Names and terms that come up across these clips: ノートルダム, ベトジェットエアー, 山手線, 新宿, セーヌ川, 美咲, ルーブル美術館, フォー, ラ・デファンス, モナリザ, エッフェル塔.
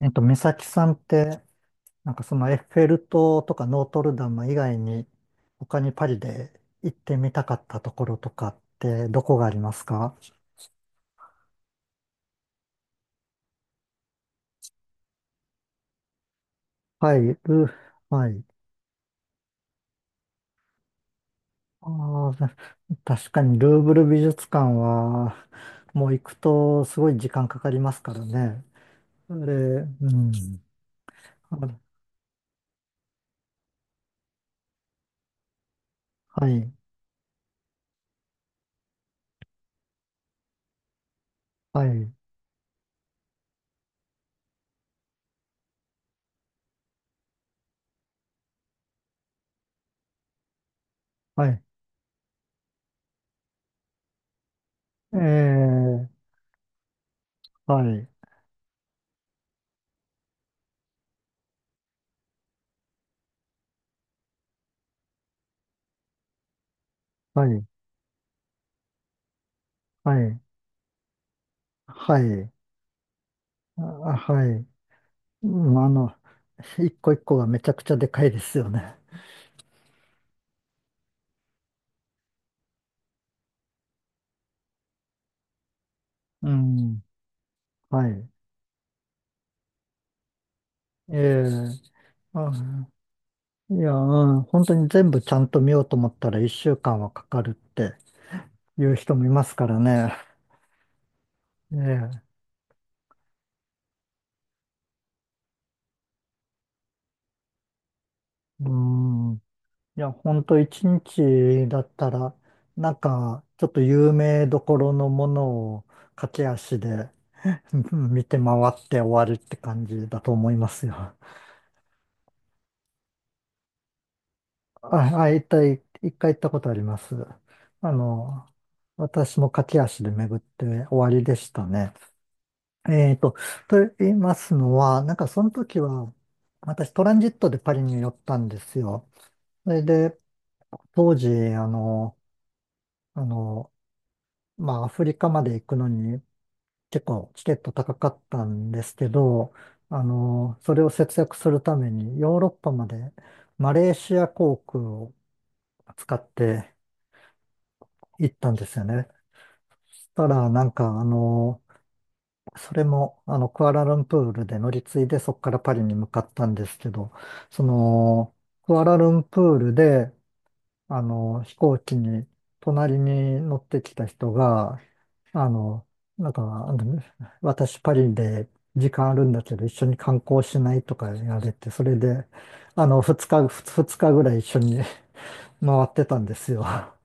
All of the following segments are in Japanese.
美咲さんって、エッフェル塔とかノートルダム以外に、他にパリで行ってみたかったところとかってどこがありますか？はい、ル、はい。あー確かにルーブル美術館は、もう行くとすごい時間かかりますからね。あれ、うん。あはい、はい、はい。えー、はい、はい、はい、はい、あはい。うん、あの、一個一個がめちゃくちゃでかいですよね。うん。はい。ええあ、いや、本当に全部ちゃんと見ようと思ったら一週間はかかるっていう人もいますからね。ええうん。いや、本当一日だったら、ちょっと有名どころのものを駆け足でうん見て回って終わるって感じだと思いますよ。あ、一回行ったことあります。あの、私も駆け足で巡って終わりでしたね。えーと、と言いますのは、その時は、私トランジットでパリに寄ったんですよ。それで、当時、あの、あの、まあ、アフリカまで行くのに結構チケット高かったんですけど、それを節約するためにヨーロッパまでマレーシア航空を使って行ったんですよね。したら、それも、クアラルンプールで乗り継いで、そこからパリに向かったんですけど、その、クアラルンプールで、飛行機に、隣に乗ってきた人が、あの、なんか、あの私パリで時間あるんだけど、一緒に観光しないとか言われて、それで、二日ぐらい一緒に回ってたんですよ。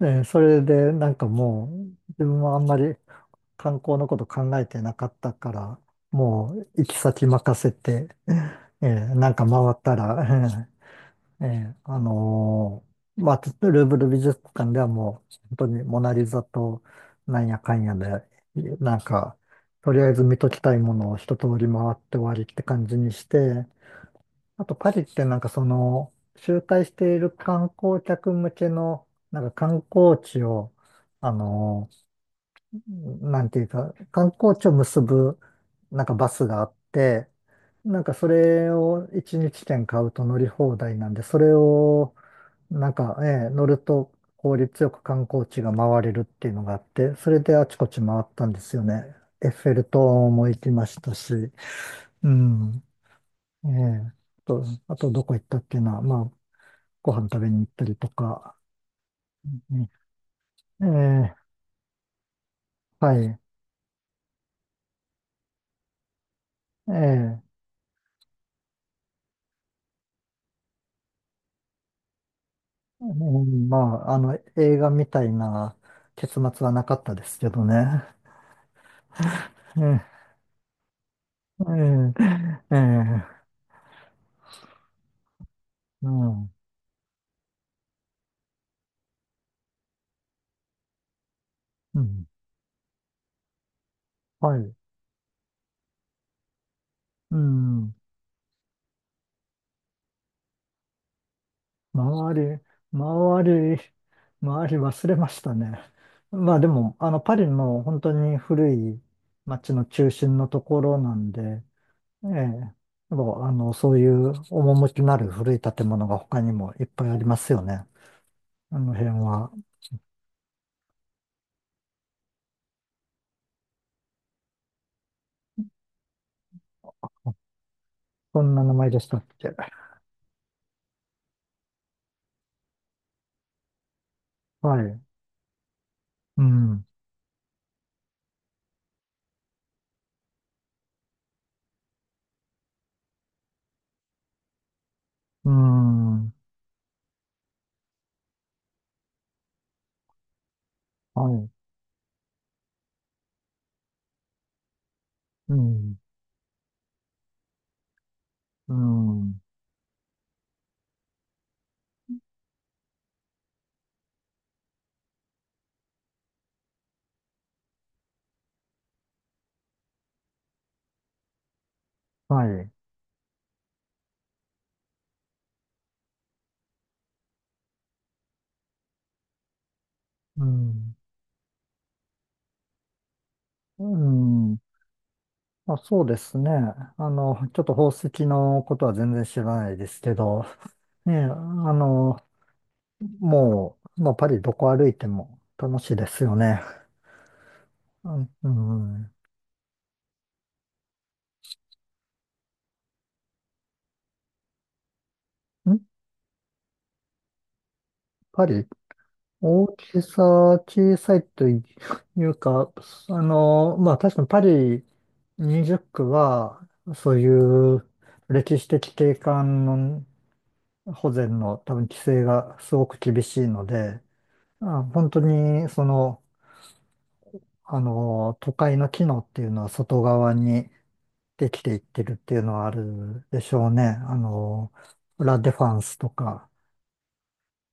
えーそれで、なんかもう、自分はあんまり、観光のこと考えてなかったから、もう行き先任せて、なんか回ったら、えーえーあのまあ、ルーブル美術館ではもう、本当にモナリザとなんやかんやで、なんか、とりあえず見ときたいものを一通り回って終わりって感じにして、あとパリって周回している観光客向けの、観光地を、あのーなんていうか、観光地を結ぶ、バスがあって、それを1日券買うと乗り放題なんで、それを、乗ると効率よく観光地が回れるっていうのがあって、それであちこち回ったんですよね。エッフェル塔も行きましたし、うん。ええと、あとどこ行ったっていうのは、まあ、ご飯食べに行ったりとか、うんええはい。ええうまあ、映画みたいな結末はなかったですけどね。ええ、ええ、ええ、うん、うん、はい、うん、周り、周り、周り忘れましたね。まあでも、パリの本当に古い街の中心のところなんで、ええ、もう、あの、そういう趣のある古い建物が他にもいっぱいありますよね。あの辺は。そんな名前でしたっけ。はい。うん、うん、はい、うん、うん、はい、うん、うん、あ、そうですね。ちょっと宝石のことは全然知らないですけど、ねえ、あの、もうパリどこ歩いても楽しいですよね。うん、うん、んパリ大きさ、小さいというか、まあ確かにパリ20区は、そういう歴史的景観の保全の多分規制がすごく厳しいので、あ、本当にその、あの、都会の機能っていうのは外側にできていってるっていうのはあるでしょうね。あの、ラ・デファンスとか。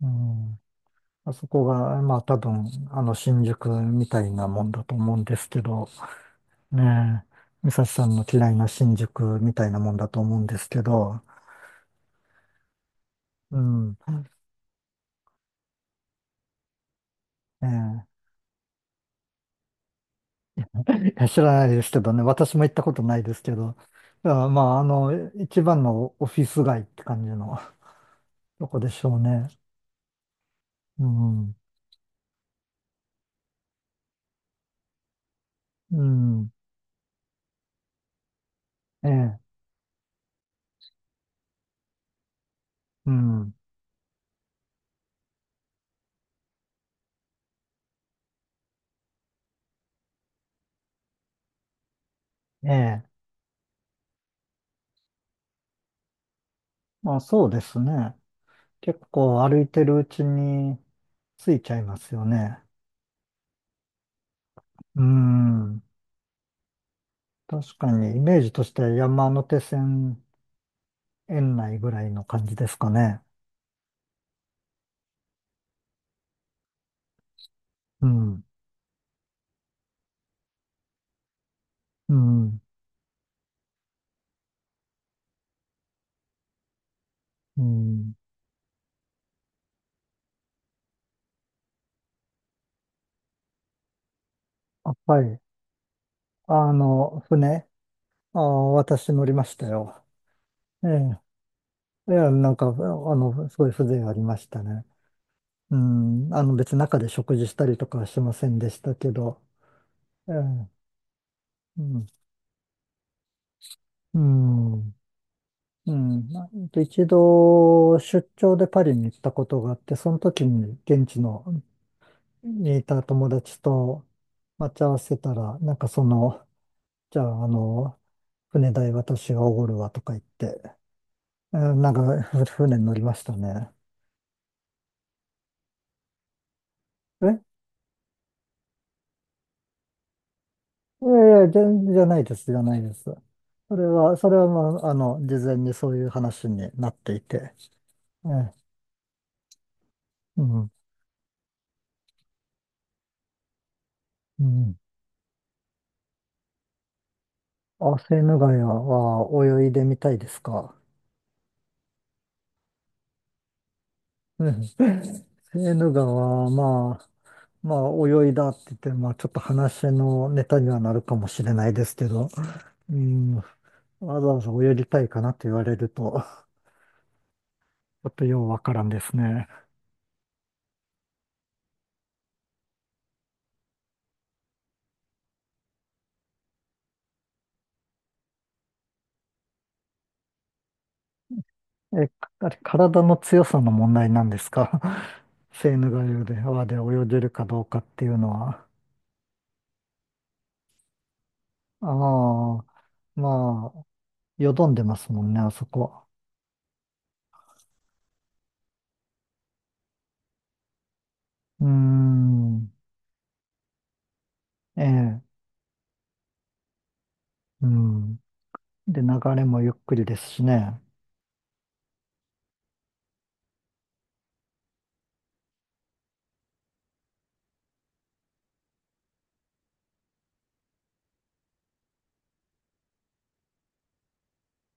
うんあそこが、まあ多分、新宿みたいなもんだと思うんですけど、ねえ、美咲さんの嫌いな新宿みたいなもんだと思うんですけど、うん、ねいや知らないですけどね、私も行ったことないですけど、いやまあ、一番のオフィス街って感じの とこでしょうね。うん、うん、ええ、うん、ええ、まあそうですね。結構歩いてるうちに着いちゃいますよね。うん。確かに、イメージとしては山手線園内ぐらいの感じですかね。うん、うん、うん。あはい。あの、船、あ、私乗りましたよ。えいや、すごい風情ありましたね。うん、別に中で食事したりとかはしませんでしたけど、ええ、うん、うん、うん。一度、出張でパリに行ったことがあって、その時に現地のにいた友達と待ち合わせたら、なんかその、じゃあ、あの、船代私がおごるわとか言って、えーなんかふ船に乗りましたね。えいやいや、じゃ、じゃないです、じゃないです。それは、それはまあ、事前にそういう話になっていて。えーうん、うん。あ、セーヌ川は泳いでみたいですか？うんセーヌ川は、まあ、泳いだって言って、まあ、ちょっと話のネタにはなるかもしれないですけど、うん、わざわざ泳ぎたいかなって言われると、ちょっとようわからんですね。え、あれ、体の強さの問題なんですか？ セーヌ川で、川で泳げるかどうかっていうのは。ああ、まあ、よどんでますもんね、あそこ。うーん、ええ、うん。で、流れもゆっくりですしね。